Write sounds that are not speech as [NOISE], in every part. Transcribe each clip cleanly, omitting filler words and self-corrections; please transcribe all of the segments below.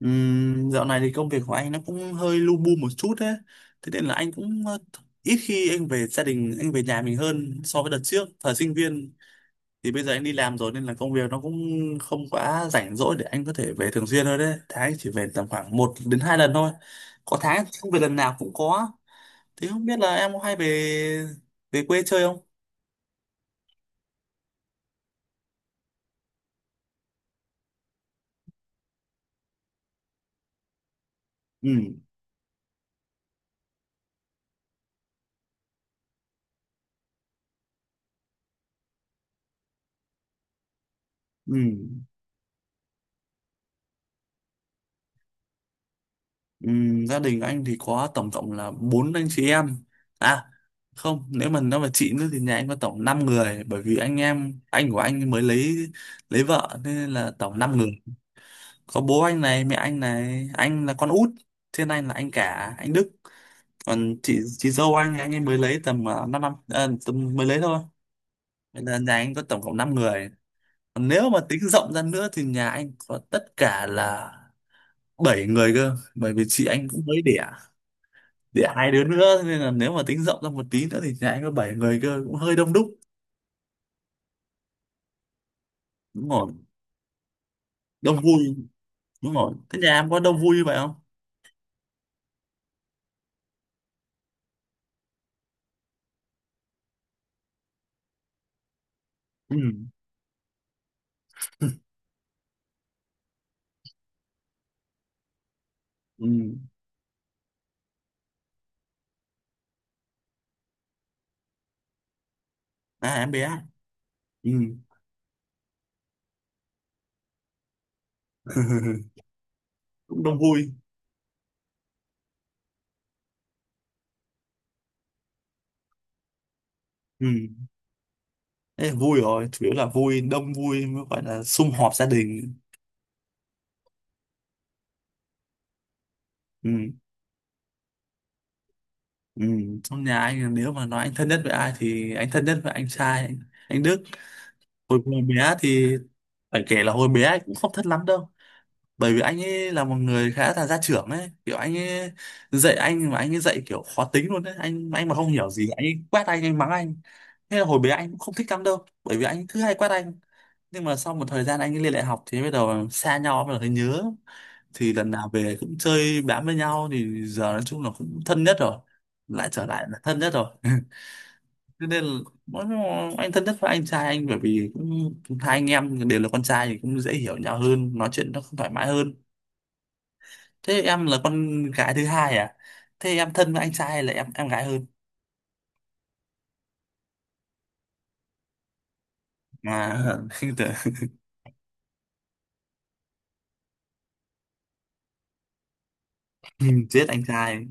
Dạo này thì công việc của anh nó cũng hơi lu bu một chút đấy. Thế nên là anh cũng ít khi anh về gia đình, anh về nhà mình hơn so với đợt trước. Thời sinh viên thì bây giờ anh đi làm rồi nên là công việc nó cũng không quá rảnh rỗi để anh có thể về thường xuyên thôi đấy. Tháng anh chỉ về tầm khoảng một đến hai lần thôi. Có tháng không về lần nào cũng có. Thế không biết là em có hay về về quê chơi không? Ừ, ừ. Gia đình anh thì có tổng cộng là bốn anh chị em, à không, nếu mà nói về chị nữa thì nhà anh có tổng 5 người, bởi vì anh em anh của anh mới lấy vợ, thế nên là tổng 5 người. Có bố anh này, mẹ anh này, anh là con út, trên anh là anh cả anh Đức, còn chị dâu anh ấy mới lấy tầm 5 năm, năm à, tầm mới lấy thôi, nên là nhà anh có tổng cộng 5 người. Còn nếu mà tính rộng ra nữa thì nhà anh có tất cả là 7 người cơ, bởi vì chị anh cũng mới đẻ, để hai đứa nữa, nên là nếu mà tính rộng ra một tí nữa thì nhà anh có bảy người cơ, cũng hơi đông đúc. Đúng rồi, đông vui. Đúng rồi, thế nhà em có đông vui như vậy không? Ừ, ừ, à em bé, ừ. [LAUGHS] cũng đông vui. Ừ, thế là vui rồi, chủ yếu là vui, đông vui mới gọi là sum họp gia đình. Ừ, ừ, trong nhà anh, là nếu mà nói anh thân nhất với ai thì anh thân nhất với anh trai anh Đức. Hồi còn bé thì phải kể là hồi bé anh cũng không thân lắm đâu, bởi vì anh ấy là một người khá là gia trưởng ấy, kiểu anh ấy dạy anh mà anh ấy dạy kiểu khó tính luôn đấy, anh mà không hiểu gì anh ấy quát anh mắng anh. Thế là hồi bé anh cũng không thích lắm đâu bởi vì anh thứ hay quát anh. Nhưng mà sau một thời gian anh ấy lên đại học thì bắt đầu xa nhau, bắt đầu thấy nhớ, thì lần nào về cũng chơi bám với nhau, thì giờ nói chung là cũng thân nhất rồi, lại trở lại là thân nhất rồi. [LAUGHS] Thế nên là mỗi- anh thân nhất với anh trai anh, bởi vì cũng hai anh em đều là con trai thì cũng dễ hiểu nhau hơn, nói chuyện nó cũng thoải mái hơn. Thế em là con gái thứ hai à? Thế em thân với anh trai hay là em gái hơn? À, [LAUGHS] không tưởng- Ừ, chết anh trai.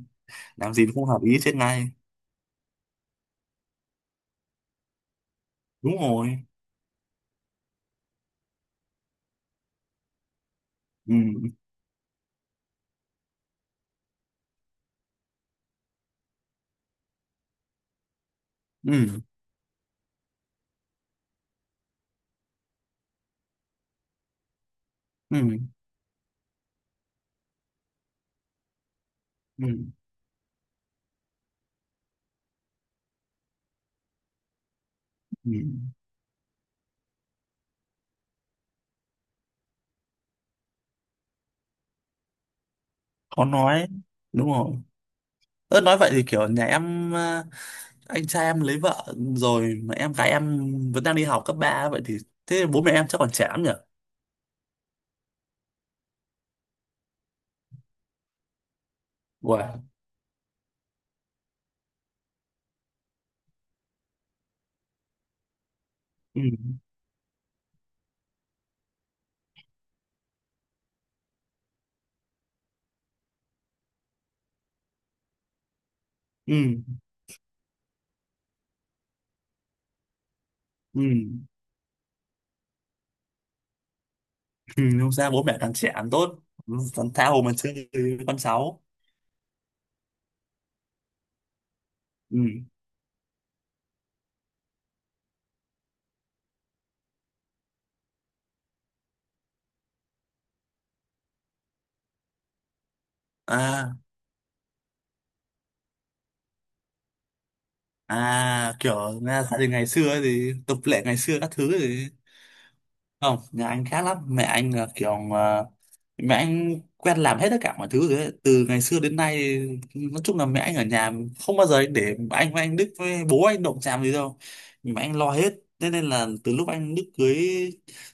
Làm gì nó không hợp ý chết ngay. Đúng rồi. Ừ. Ừ. Ừ. Ừ. Ừ. Khó nói. Đúng rồi. Ơ nói vậy thì kiểu nhà em anh trai em lấy vợ rồi mà em gái em vẫn đang đi học cấp ba, vậy thì thế bố mẹ em chắc còn trẻ lắm nhỉ? Wow. Ừ. Ừ. Ừ. [LAUGHS] Ừ. Không sao, bố mẹ càng trẻ càng tốt. Thằng thao mà chơi với con cháu. Ừ. À. À, kiểu nghe gia đình ngày xưa ấy, thì tập lệ ngày xưa các thứ ấy thì không, nhà anh khác lắm, mẹ anh là kiểu mẹ anh quen làm hết tất cả mọi thứ rồi ấy, từ ngày xưa đến nay. Nói chung là mẹ anh ở nhà, không bao giờ anh để anh với anh Đức với bố anh động chạm gì đâu, mẹ anh lo hết. Thế nên là từ lúc anh Đức cưới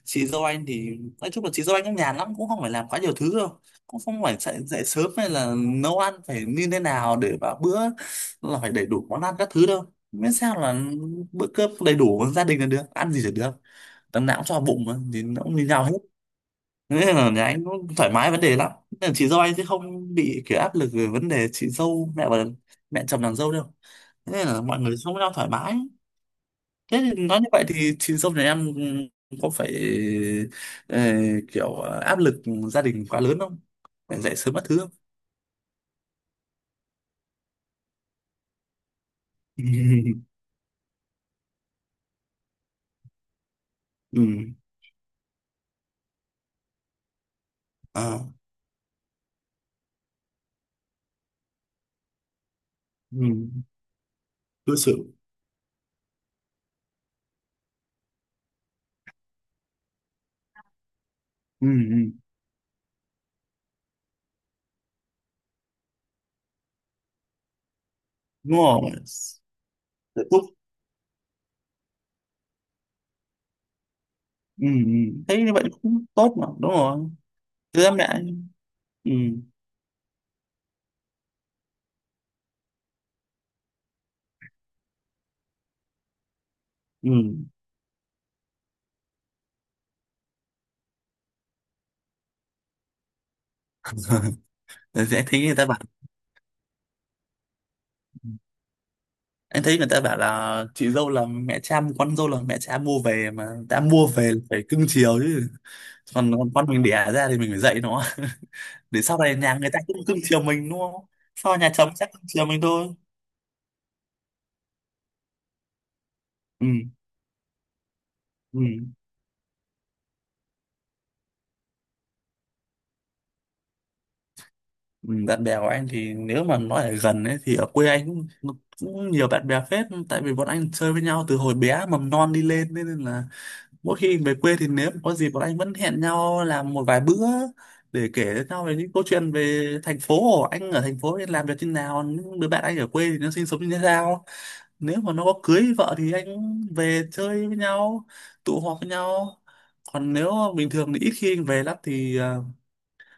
chị dâu anh, thì nói chung là chị dâu anh cũng nhàn lắm, cũng không phải làm quá nhiều thứ đâu, cũng không phải dậy sớm hay là nấu ăn phải như thế nào để vào bữa là phải đầy đủ món ăn các thứ đâu, miễn sao là bữa cơm đầy đủ gia đình là được, ăn gì là được, tấm não cho bụng mà, thì nó cũng như nhau hết. Thế nên là nhà anh nó thoải mái vấn đề lắm, nên là chị dâu anh sẽ không bị kiểu áp lực về vấn đề chị dâu mẹ và mẹ chồng nàng dâu đâu. Thế nên là mọi người sống với nhau thoải mái. Thế thì nói như vậy thì chị dâu nhà em có phải ờ, kiểu áp lực gia đình quá lớn không, phải dậy sớm mất thứ không? [LAUGHS] Ừ, ừ, à, ừ, đối xử, ừ, ừ, đúng rồi, hạnh phúc, ừ, ừ, thấy như vậy cũng tốt mà, đúng rồi, thứ mẹ, ừ, ừ. [LAUGHS] Rồi anh thấy người ta bảo, anh thấy người ta bảo là chị dâu là mẹ cha, con dâu là mẹ cha mua về, mà đã mua về là phải cưng chiều chứ, còn con mình đẻ ra thì mình phải dạy nó [LAUGHS] để sau này nhà người ta cũng cưng chiều mình, đúng không? Sau nhà chồng chắc cưng chiều mình thôi. Ừ. Ừ. Ừ, bạn bè của anh thì nếu mà nói ở gần ấy thì ở quê anh cũng, cũng nhiều bạn bè phết, tại vì bọn anh chơi với nhau từ hồi bé mầm non đi lên, nên là mỗi khi về quê thì nếu có gì bọn anh vẫn hẹn nhau làm một vài bữa để kể cho nhau về những câu chuyện, về thành phố, anh ở thành phố thì làm việc như nào, những đứa bạn anh ở quê thì nó sinh sống như thế nào. Nếu mà nó có cưới vợ thì anh về chơi với nhau, tụ họp với nhau. Còn nếu mà bình thường thì ít khi anh về lắm, thì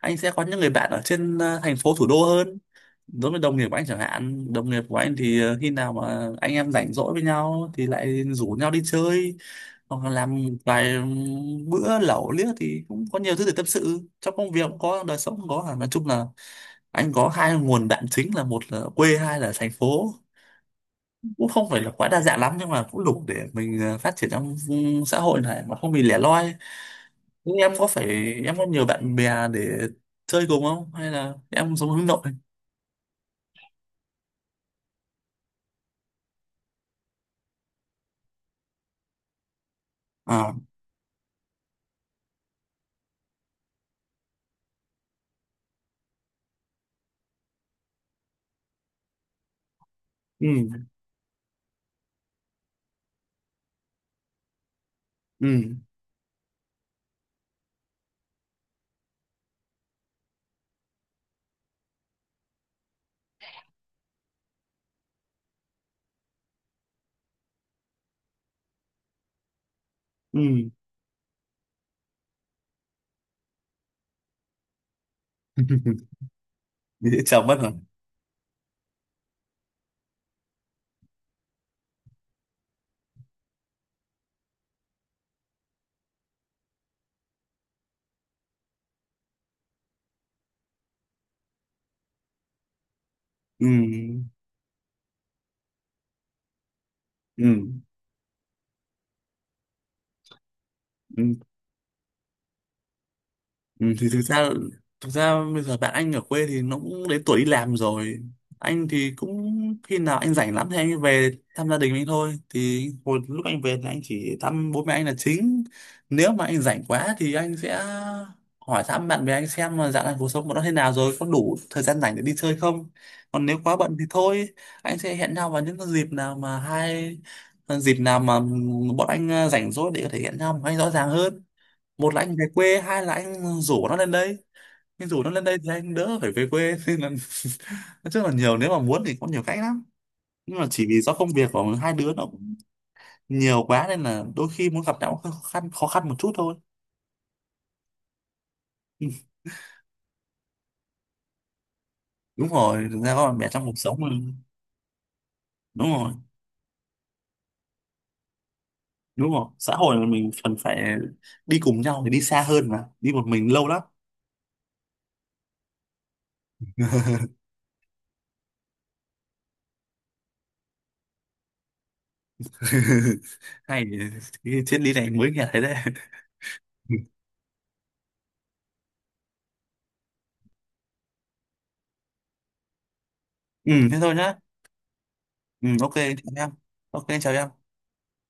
anh sẽ có những người bạn ở trên thành phố thủ đô hơn. Đối với đồng nghiệp của anh chẳng hạn, đồng nghiệp của anh thì khi nào mà anh em rảnh rỗi với nhau thì lại rủ nhau đi chơi, hoặc là làm vài bữa lẩu liếc, thì cũng có nhiều thứ để tâm sự, trong công việc cũng có, đời sống cũng có. À, nói chung là anh có hai nguồn đạm chính, là một là quê, hai là thành phố. Cũng không phải là quá đa dạng lắm, nhưng mà cũng đủ để mình phát triển trong xã hội này mà không bị lẻ loi. Nhưng em có phải, em có nhiều bạn bè để chơi cùng không, hay là em sống hướng nội? À, ừ, ừ, ừ, [LAUGHS] dễ chồng mất rồi, ừ, ừ, ừ. Ừ, thì thực ra, thực ra bây giờ bạn anh ở quê thì nó cũng đến tuổi đi làm rồi, anh thì cũng khi nào anh rảnh lắm thì anh về thăm gia đình anh thôi, thì hồi lúc anh về thì anh chỉ thăm bố mẹ anh là chính. Nếu mà anh rảnh quá thì anh sẽ hỏi thăm bạn bè anh xem là dạo này cuộc sống của nó thế nào rồi, có đủ thời gian rảnh để đi chơi không. Còn nếu quá bận thì thôi, anh sẽ hẹn nhau vào những cái dịp nào mà dịp nào mà bọn anh rảnh rỗi để có thể hẹn nhau một cách rõ ràng hơn. Một là anh về quê, hai là anh rủ nó lên đây. Anh rủ nó lên đây thì anh đỡ phải về quê, [LAUGHS] nên là nói chung là nhiều, nếu mà muốn thì có nhiều cách lắm, nhưng mà chỉ vì do công việc của hai đứa nó cũng nhiều quá nên là đôi khi muốn gặp nhau cũng khó khăn một chút thôi. [LAUGHS] Ừ, đúng rồi, thực ra có bạn bè trong cuộc sống mà. Đúng rồi, đúng rồi, xã hội là mình cần phải đi cùng nhau thì đi xa hơn, mà đi một mình lâu lắm. [LAUGHS] Hay, cái triết lý này mới nghe thấy đấy. [LAUGHS] Ừ thế thôi nhá. Ừ ok chào em. Ok chào em.